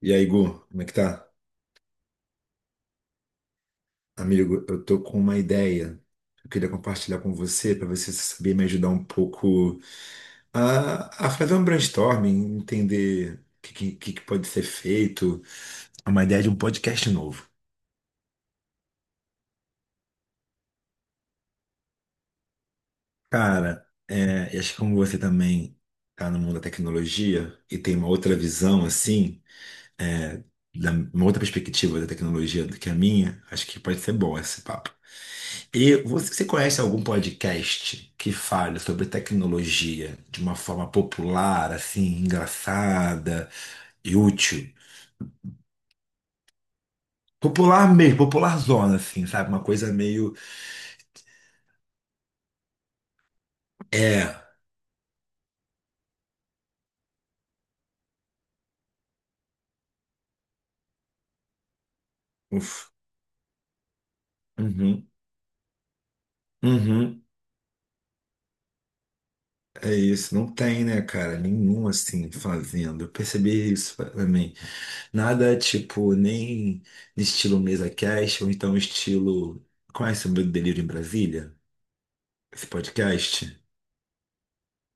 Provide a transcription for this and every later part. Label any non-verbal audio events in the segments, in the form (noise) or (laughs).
E aí, Gu, como é que tá? Amigo, eu tô com uma ideia que eu queria compartilhar com você, para você saber me ajudar um pouco a fazer um brainstorming, entender o que que pode ser feito. É uma ideia de um podcast novo. Cara, e acho que como você também tá no mundo da tecnologia e tem uma outra visão, assim, é, uma outra perspectiva da tecnologia do que a minha, acho que pode ser bom esse papo. E você conhece algum podcast que fale sobre tecnologia de uma forma popular, assim, engraçada e útil? Popular mesmo, popular zona, assim, sabe? Uma coisa meio. É. Uf, uhum, uhum, é isso. Não tem, né, cara? Nenhum assim fazendo. Eu percebi isso pra mim. Nada tipo, nem estilo mesa cast, ou então estilo. Conhece o Meu Delírio em Brasília? Esse podcast?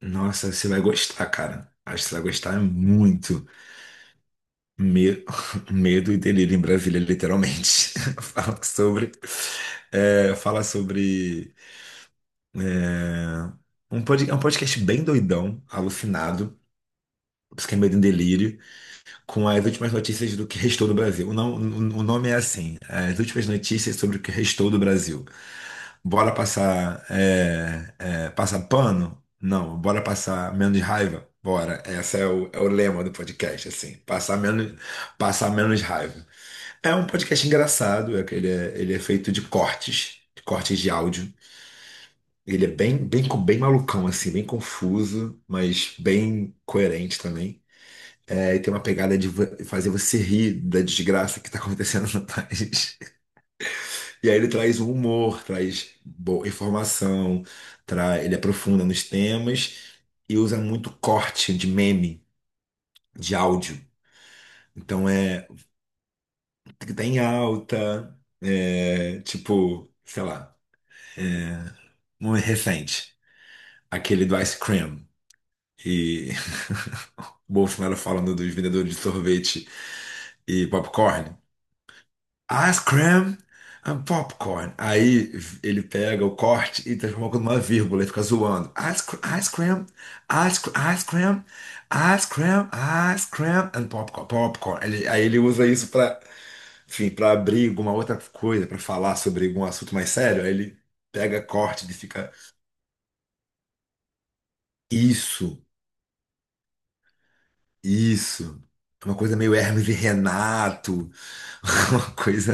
Nossa, você vai gostar, cara. Acho que você vai gostar muito. Me- (laughs) Medo e delírio em Brasília, literalmente. (laughs) Fala sobre. é, fala sobre. ah, É um podcast bem doidão, alucinado. Por isso que é Medo e Delírio. Com as últimas notícias do que restou do Brasil. O, não- o- nome é assim: as últimas notícias sobre o que restou do Brasil. Bora passar pano? Não. Bora passar menos raiva? Bora. Esse é o lema do podcast, assim. Passar menos raiva. É um podcast engraçado, é que ele é feito de cortes de áudio. Ele é bem malucão, assim, bem confuso, mas bem coerente também. É, e tem uma pegada de fazer você rir da desgraça que está acontecendo no país. (laughs) E aí ele traz um humor, traz boa informação, ele aprofunda nos temas e usa muito corte de meme, de áudio. Então é o que está em alta, tipo, sei lá, um recente, aquele do Ice Cream. E (laughs) o Bolsonaro falando dos vendedores de sorvete e popcorn. Ice cream and popcorn. Aí ele pega o corte e transforma numa vírgula e fica zoando. Ice cream, ice cream, ice cream, ice cream and popcorn. Popcorn. Aí ele usa isso para, enfim, para abrir alguma outra coisa, para falar sobre algum assunto mais sério. Aí ele pega corte e fica isso, isso. É uma coisa meio Hermes e Renato, (laughs) uma coisa.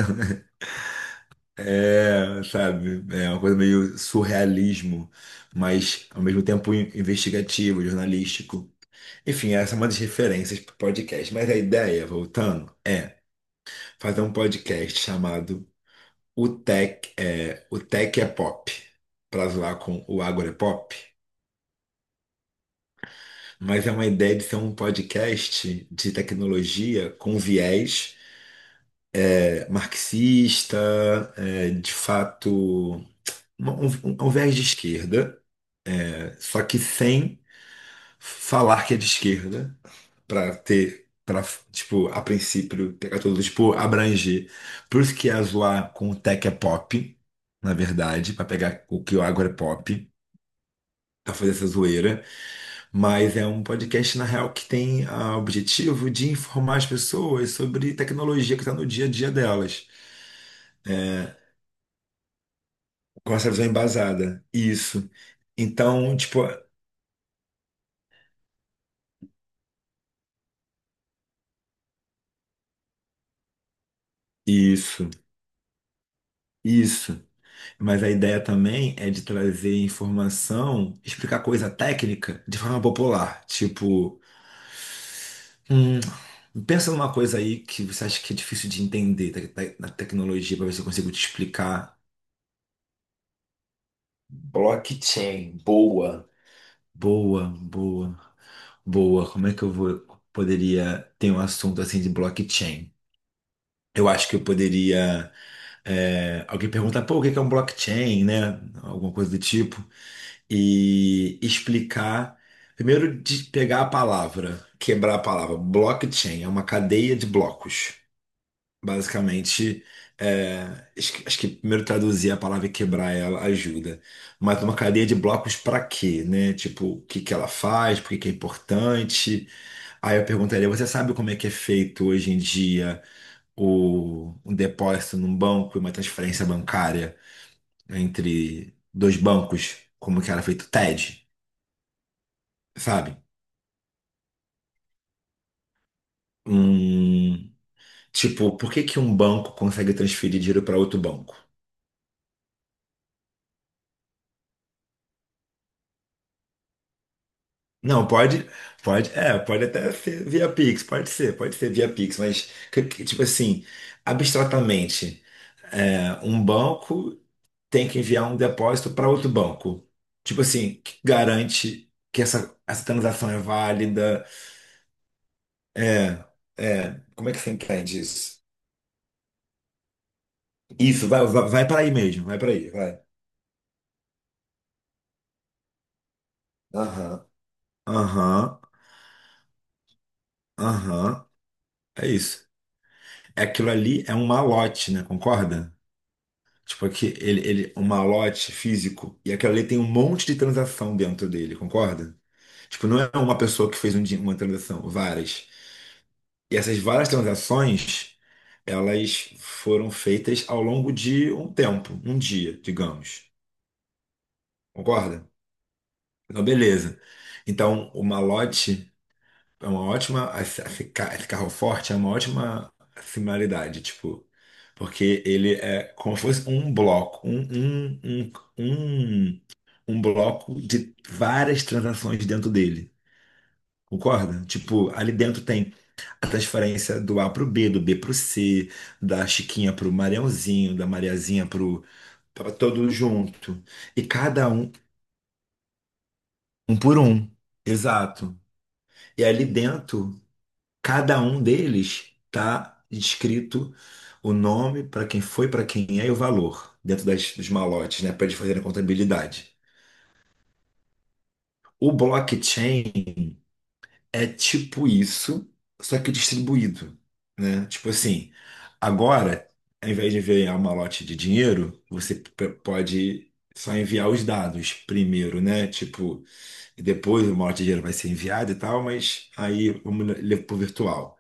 É, sabe, é uma coisa meio surrealismo, mas ao mesmo tempo investigativo, jornalístico. Enfim, essa é uma das referências para podcast. Mas a ideia, voltando, é fazer um podcast chamado O Tech é Pop, para zoar com o Agora é Pop. Mas é uma ideia de ser um podcast de tecnologia com viés, marxista, de fato, um viés de esquerda, só que sem falar que é de esquerda, para ter, para, tipo, a princípio pegar tudo, tipo, abranger. Por isso que ia zoar com o Tech é Pop, na verdade, para pegar o que o Agro é Pop, para fazer essa zoeira. Mas é um podcast na real que tem, o objetivo de informar as pessoas sobre tecnologia que está no dia a dia delas. É, com essa visão embasada, isso. Então, tipo, isso, isso. Mas a ideia também é de trazer informação, explicar coisa técnica de forma popular. Tipo, hum, pensa numa coisa aí que você acha que é difícil de entender na tecnologia, para ver se eu consigo te explicar. Blockchain, boa. Boa, boa, boa. Como é que eu vou, poderia ter um assunto assim de blockchain? Eu acho que eu poderia. Alguém perguntar, pô, o que que é um blockchain, né? Alguma coisa do tipo. E explicar. Primeiro, de pegar a palavra, quebrar a palavra. Blockchain é uma cadeia de blocos. Basicamente, é, acho que primeiro traduzir a palavra e quebrar ela ajuda. Mas uma cadeia de blocos para quê, né? Tipo, o que que ela faz, por que que é importante. Aí eu perguntaria, você sabe como é que é feito hoje em dia um depósito num banco e uma transferência bancária entre dois bancos? Como que era feito o TED, sabe? Hum, tipo, por que que um banco consegue transferir dinheiro para outro banco? Não, pode até ser via Pix, pode ser via Pix, mas tipo assim, abstratamente, um banco tem que enviar um depósito para outro banco. Tipo assim, que garante que essa transação é válida? É, é, como é que você entende isso? Isso, vai, vai, vai para aí mesmo, vai para aí, vai. Aham, aham, aham, é isso. Aquilo ali é um malote, né? Concorda? Tipo, aqui, um malote físico, e aquilo ali tem um monte de transação dentro dele, concorda? Tipo, não é uma pessoa que fez uma transação, várias. E essas várias transações, elas foram feitas ao longo de um tempo, um dia, digamos. Concorda? Então, beleza. Então, o malote. É uma ótima. Esse carro forte é uma ótima similaridade, tipo. Porque ele é como se fosse um bloco, um, um, um, um bloco de várias transações dentro dele. Concorda? Tipo, ali dentro tem a transferência do A pro B, do B pro C, da Chiquinha pro Mariãozinho, da Mariazinha pro. Tava todo junto. E cada um, um por um. Exato. E ali dentro. Cada um deles está escrito o nome para quem foi, para quem é e o valor dentro dos malotes, né, para eles fazerem a contabilidade. O blockchain é tipo isso, só que distribuído, né? Tipo assim, agora, ao invés de enviar um malote de dinheiro, você pode só enviar os dados primeiro, né? Tipo, e depois o malote de dinheiro vai ser enviado e tal, mas aí vamos levar pro virtual.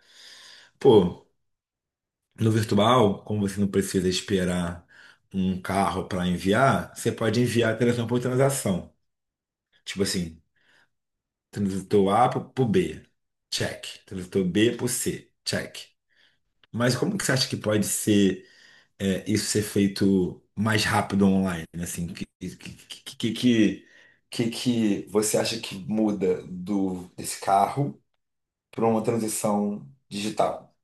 Pô, no virtual, como você não precisa esperar um carro para enviar, você pode enviar transação por transação. Tipo assim, transitor A para o B, check. Transitor B para o C, check. Mas como que você acha que pode ser isso ser feito mais rápido online? Assim, que você acha que muda do desse carro para uma transição digital?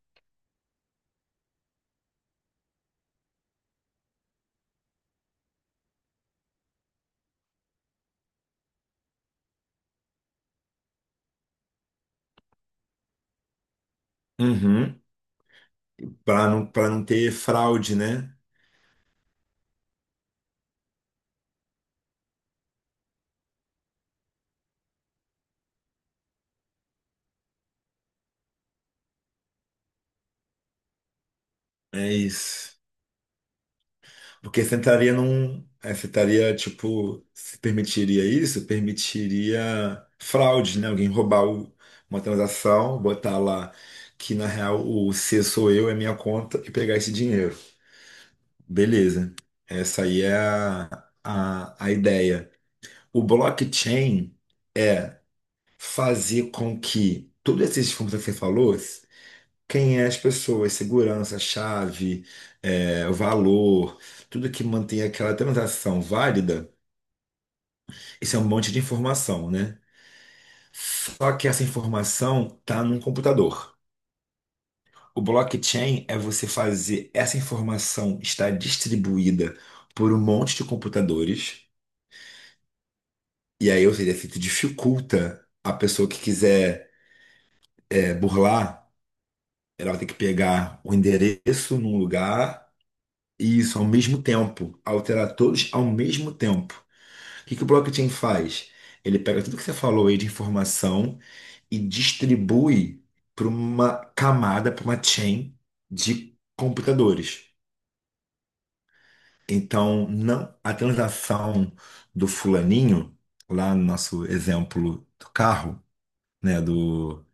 Uhum. Para não ter fraude, né? É isso. Porque você entraria num. Você estaria, tipo, se permitiria isso, permitiria fraude, né? Alguém roubar uma transação, botar lá que na real o C sou eu, é minha conta e pegar esse dinheiro. Beleza. Essa aí é a ideia. O blockchain é fazer com que todos esses fundos que você falou, quem é as pessoas, segurança, chave, valor, tudo que mantém aquela transação válida, isso é um monte de informação, né? Só que essa informação está num computador. O blockchain é você fazer essa informação estar distribuída por um monte de computadores, e aí, ou seja, isso dificulta a pessoa que quiser, burlar, ela vai ter que pegar o endereço num lugar. Isso, ao mesmo tempo. Alterar todos ao mesmo tempo. O que que o blockchain faz? Ele pega tudo que você falou aí de informação e distribui para uma camada, para uma chain de computadores. Então, não a transação do fulaninho, lá no nosso exemplo do carro, né? Do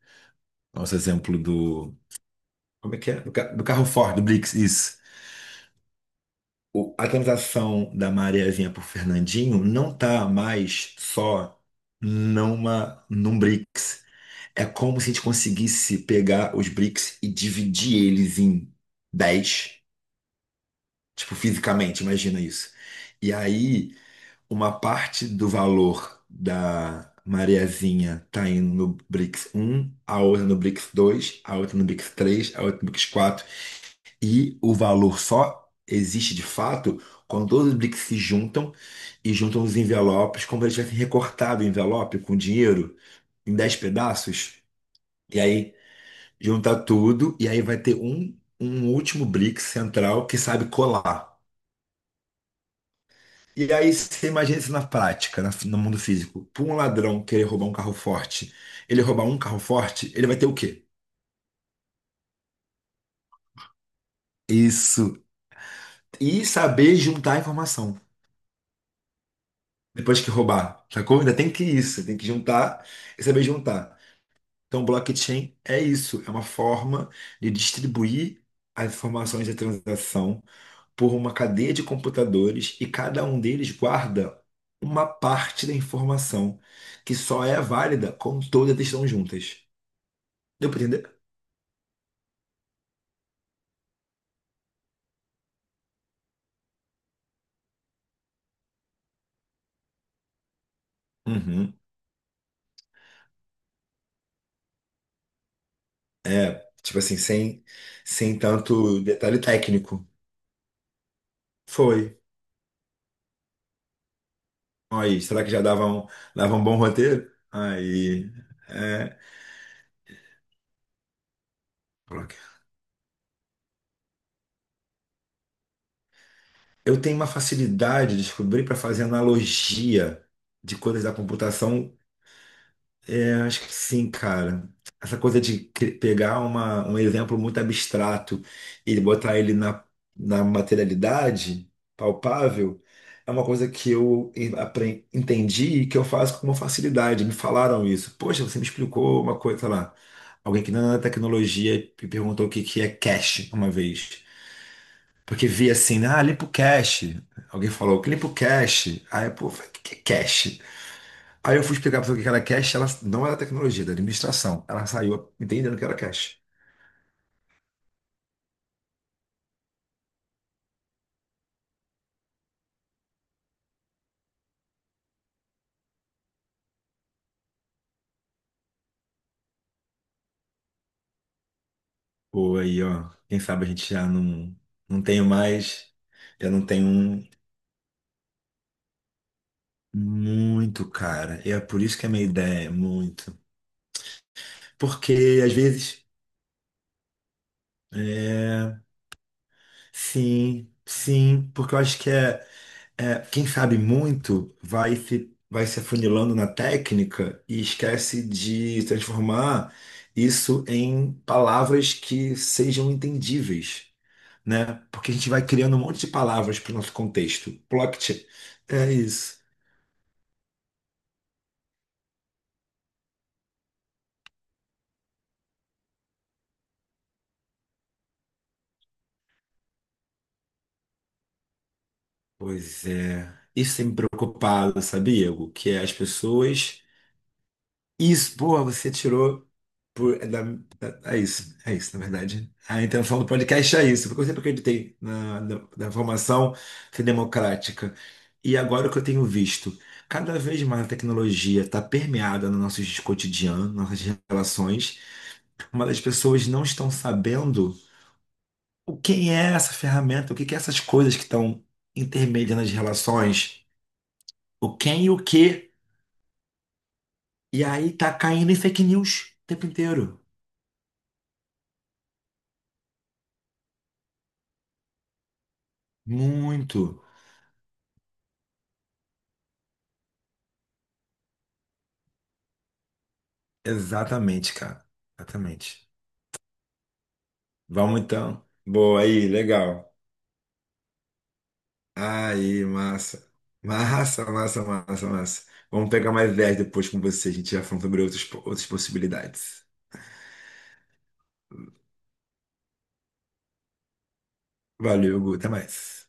nosso exemplo do. Como é que é? Do carro Ford, do Blix, isso. A transação da Mariazinha por Fernandinho não tá mais só num BRICS. É como se a gente conseguisse pegar os BRICS e dividir eles em dez, tipo, fisicamente, imagina isso. E aí, uma parte do valor da Mariazinha tá indo no BRICS um, a outra no BRICS dois, a outra no BRICS três, a outra no BRICS quatro. E o valor só existe de fato quando todos os BRICS se juntam e juntam os envelopes, como se eles tivessem recortado o envelope com dinheiro em 10 pedaços. E aí junta tudo, e aí vai ter um, último Blix central que sabe colar. E aí você imagina isso na prática, no mundo físico. Para um ladrão querer roubar um carro forte, ele roubar um carro forte, ele vai ter o quê? Isso. E saber juntar a informação. Depois que roubar, sacou? Ainda tem que isso, tem que juntar e saber juntar. Então, blockchain é isso, é uma forma de distribuir as informações da transação por uma cadeia de computadores e cada um deles guarda uma parte da informação que só é válida quando todas estão juntas. Deu para entender? Uhum. Tipo assim, sem tanto detalhe técnico. Foi. Aí, será que já dava um bom roteiro? É, Eu tenho uma facilidade de descobrir para fazer analogia de coisas da computação. É, acho que sim, cara. Essa coisa de pegar um exemplo muito abstrato e botar ele na materialidade palpável é uma coisa que eu entendi e que eu faço com uma facilidade. Me falaram isso. Poxa, você me explicou uma coisa, sei lá. Alguém que não é da tecnologia me perguntou o que que é cache uma vez. Porque vi assim, né, ah, limpo cache. Alguém falou, limpa o cache. Aí, pô, eu falei, o que que é cache? Aí eu fui explicar pra pessoa o que era cache, ela não era tecnologia, era administração. Ela saiu entendendo o que era cache. Pô, aí, ó, quem sabe a gente já não, não tenho mais, já não tenho um. Muito, cara. E é por isso que é a minha ideia, é muito. Porque, às vezes, é... sim, sim, porque eu acho que é. Quem sabe muito vai se afunilando na técnica e esquece de transformar isso em palavras que sejam entendíveis, né? Porque a gente vai criando um monte de palavras para o nosso contexto. Plot é isso. Pois é. Isso tem me preocupado, sabia, Hugo? Que é as pessoas. Isso, boa, você tirou por, da, é isso, na verdade. A intenção do podcast é isso, porque eu sempre acreditei na formação democrática. E agora o que eu tenho visto, cada vez mais a tecnologia está permeada no nosso cotidiano, nossas relações, mas as pessoas não estão sabendo o quem é essa ferramenta, o que que é essas coisas que estão intermediando as relações, o quem e o que, e aí tá caindo em fake news o tempo inteiro. Muito. Exatamente, cara. Exatamente. Vamos então. Boa aí, legal. Aí, massa. Massa, massa, massa, massa. Vamos pegar mais 10 depois com você. A gente já falou sobre outras possibilidades. Valeu, Gu. Até mais.